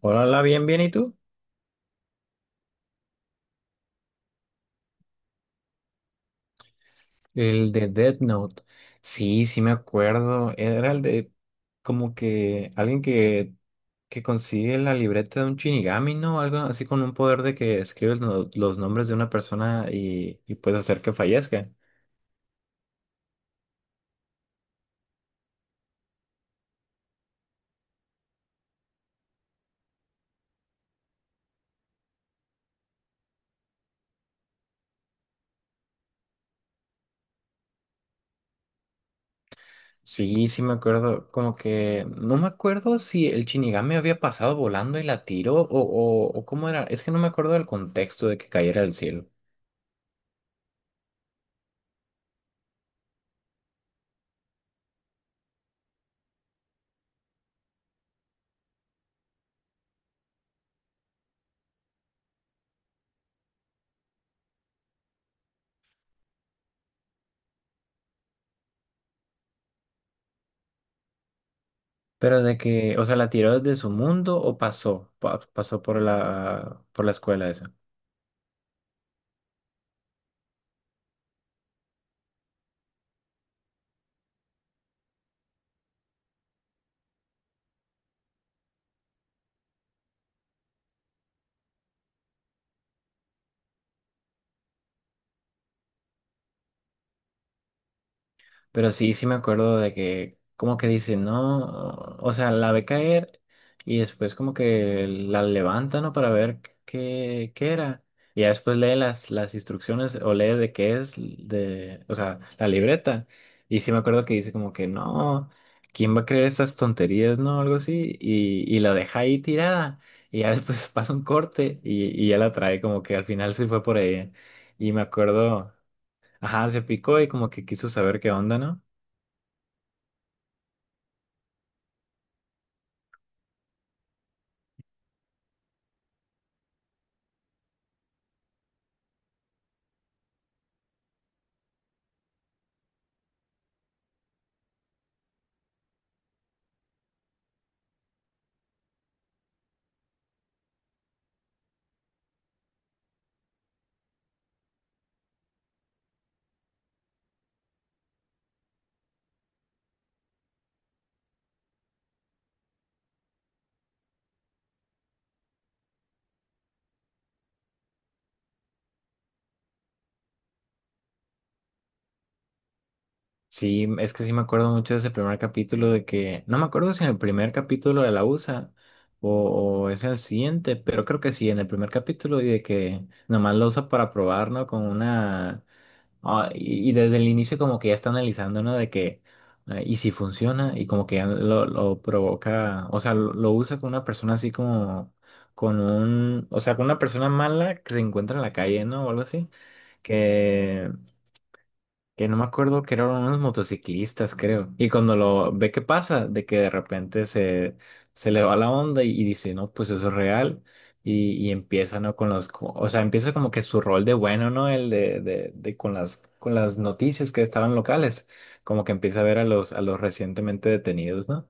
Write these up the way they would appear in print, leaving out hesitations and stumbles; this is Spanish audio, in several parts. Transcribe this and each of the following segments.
Hola, hola, bien, bien, ¿y tú? El de Death Note. Sí, sí me acuerdo. Era el de como que que consigue la libreta de un Shinigami, ¿no? Algo así con un poder de que escribe los nombres de una persona y puedes hacer que fallezca. Sí, sí me acuerdo. Como que no me acuerdo si el Shinigami había pasado volando y la tiró o cómo era. Es que no me acuerdo del contexto de que cayera del cielo. Pero o sea, ¿la tiró desde su mundo o pasó? Pasó por por la escuela esa. Pero sí, sí me acuerdo de que como que dice, no, o sea, la ve caer y después como que la levanta, ¿no? Para ver qué era. Y ya después lee las instrucciones o lee de qué es, de, o sea, la libreta. Y sí me acuerdo que dice como que, no, ¿quién va a creer estas tonterías, no? Algo así. Y la deja ahí tirada. Y ya después pasa un corte y ya la trae como que al final se fue por ahí. Y me acuerdo, ajá, se picó y como que quiso saber qué onda, ¿no? Sí, es que sí me acuerdo mucho de ese primer capítulo de que, no me acuerdo si en el primer capítulo de la USA o es el siguiente, pero creo que sí, en el primer capítulo y de que nomás lo usa para probar, ¿no? Con una... ah, y desde el inicio como que ya está analizando, ¿no? De que, y si funciona y como que ya lo provoca, o sea, lo usa con una persona así como, con un, o sea, con una persona mala que se encuentra en la calle, ¿no? O algo así que no me acuerdo que eran unos motociclistas, creo. Y cuando lo ve que pasa, de que de repente se le va la onda y dice, no, pues eso es real. Y empieza, ¿no? Con los, o sea, empieza como que su rol de bueno, ¿no? El de con las noticias que estaban locales. Como que empieza a ver a los recientemente detenidos, ¿no?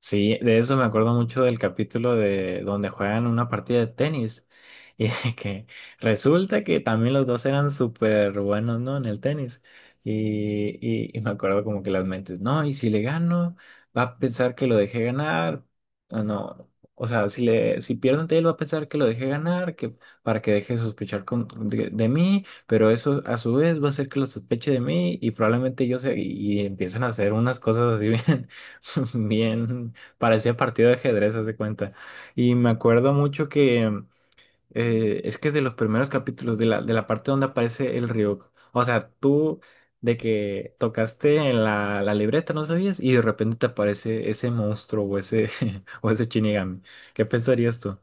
Sí, de eso me acuerdo mucho del capítulo de donde juegan una partida de tenis y de que resulta que también los dos eran súper buenos, ¿no? En el tenis. Y me acuerdo como que las mentes, no, y si le gano, va a pensar que lo dejé ganar. O no, o sea, si pierdo ante él, va a pensar que lo dejé ganar, que para que deje de sospechar de mí, pero eso a su vez va a hacer que lo sospeche de mí y probablemente yo sé, y empiezan a hacer unas cosas así bien. Bien. Parecía partido de ajedrez, haz de cuenta. Y me acuerdo mucho que es que de los primeros capítulos, de de la parte donde aparece el Ryuk. O sea, tú de que tocaste en la libreta, no sabías, y de repente te aparece ese monstruo o ese, o ese Shinigami. ¿Qué pensarías tú?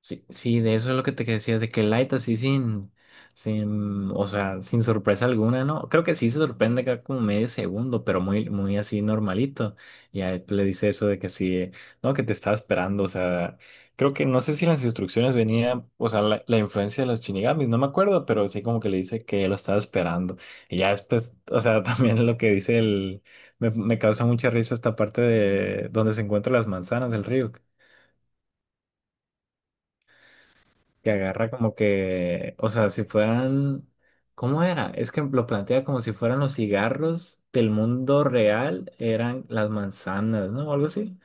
Sí, sí, de eso es lo que te decía, de que Light así sin, sin, o sea, sin sorpresa alguna, ¿no? Creo que sí se sorprende acá como medio segundo, pero muy, muy así normalito. Y a él le dice eso de que sí, no, que te estaba esperando, o sea, creo que no sé si las instrucciones venía, o sea, la influencia de los Shinigamis, no me acuerdo, pero sí como que le dice que lo estaba esperando. Y ya después, o sea, también lo que dice el, me causa mucha risa esta parte de donde se encuentran las manzanas del río. Que agarra como que, o sea, si fueran, ¿cómo era? Es que lo plantea como si fueran los cigarros del mundo real, eran las manzanas, ¿no? O algo así.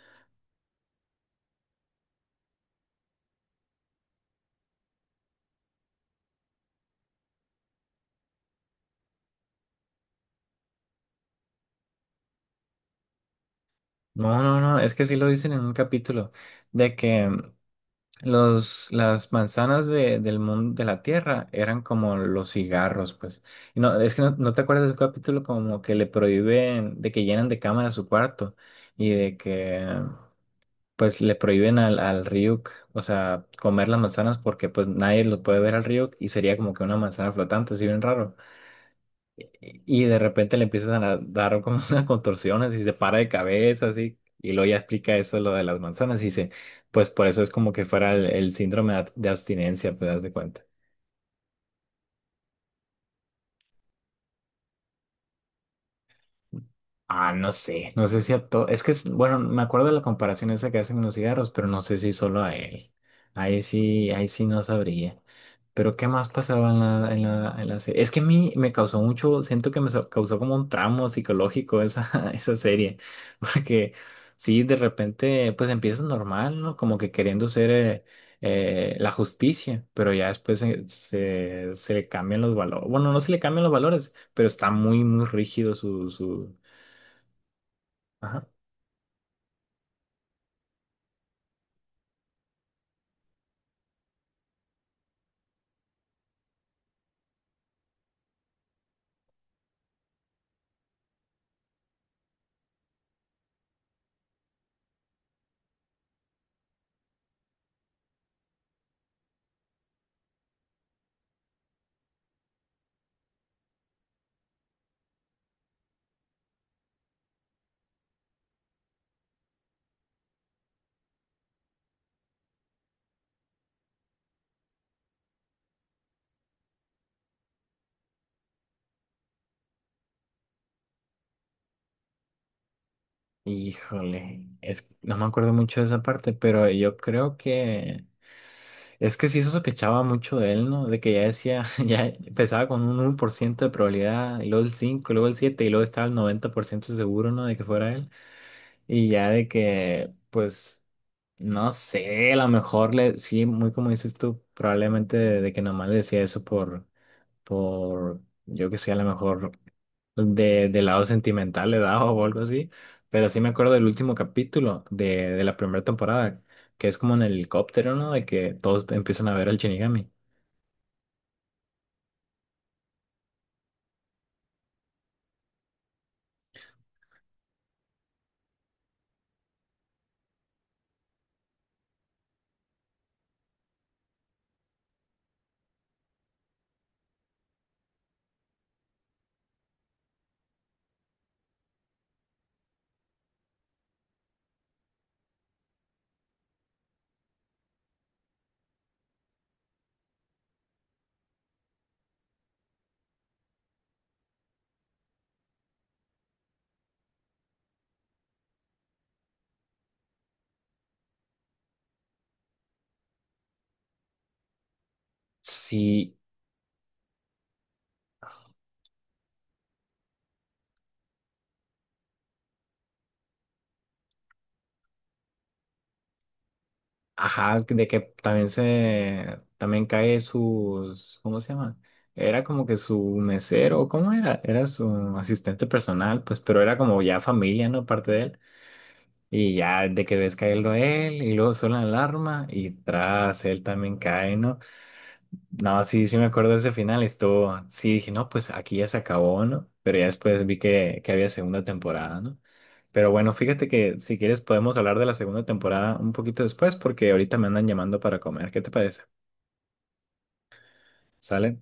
No, no, no, es que sí lo dicen en un capítulo, de que mm, los, las manzanas del mundo de la Tierra eran como los cigarros, pues. Y no, es que no, no te acuerdas de un capítulo como que le prohíben, de que llenan de cámara su cuarto y de que... pues le prohíben al Ryuk, o sea, comer las manzanas porque pues nadie lo puede ver al Ryuk y sería como que una manzana flotante, así bien raro. Y de repente le empiezan a dar como unas contorsiones y se para de cabeza, así. Y luego ya explica eso, lo de las manzanas, y dice, pues por eso es como que fuera el síndrome de de abstinencia, pues das de cuenta. Ah, no sé, no sé si a todo. Es que, es- bueno, me acuerdo de la comparación esa que hacen con los cigarros, pero no sé si solo a él. Ahí sí no sabría. Pero ¿qué más pasaba en la, en la, en la serie? Es que a mí me causó mucho, siento que me so- causó como un tramo psicológico esa, esa serie. Porque sí, de repente, pues empiezas normal, ¿no? Como que queriendo ser la justicia, pero ya después se le cambian los valores. Bueno, no se le cambian los valores, pero está muy, muy rígido su su. Ajá. Híjole, es, no me acuerdo mucho de esa parte, pero yo creo que es que sí se sospechaba mucho de él, ¿no? De que ya decía, ya empezaba con un 1% de probabilidad, y luego el 5% y luego el 7% y luego estaba el 90% seguro, ¿no? De que fuera él. Y ya de que, pues, no sé, a lo mejor le, sí, muy como dices tú, probablemente de que nomás le decía eso por yo que sé, a lo mejor de lado sentimental le daba o algo así, pero sí me acuerdo del último capítulo de la primera temporada, que es como en el helicóptero, ¿no? De que todos empiezan a ver al Shinigami. Sí, ajá, de que también también cae sus, ¿cómo se llama? Era como que su mesero, ¿cómo era? Era su asistente personal, pues, pero era como ya familia, ¿no? Parte de él. Y ya de que ves caerlo él, y luego suena la alarma, y tras él también cae, ¿no? No, sí, sí me acuerdo de ese final, estuvo, sí dije, no, pues aquí ya se acabó, ¿no? Pero ya después vi que había segunda temporada, ¿no? Pero bueno, fíjate que si quieres podemos hablar de la segunda temporada un poquito después, porque ahorita me andan llamando para comer, ¿qué te parece? ¿Sale?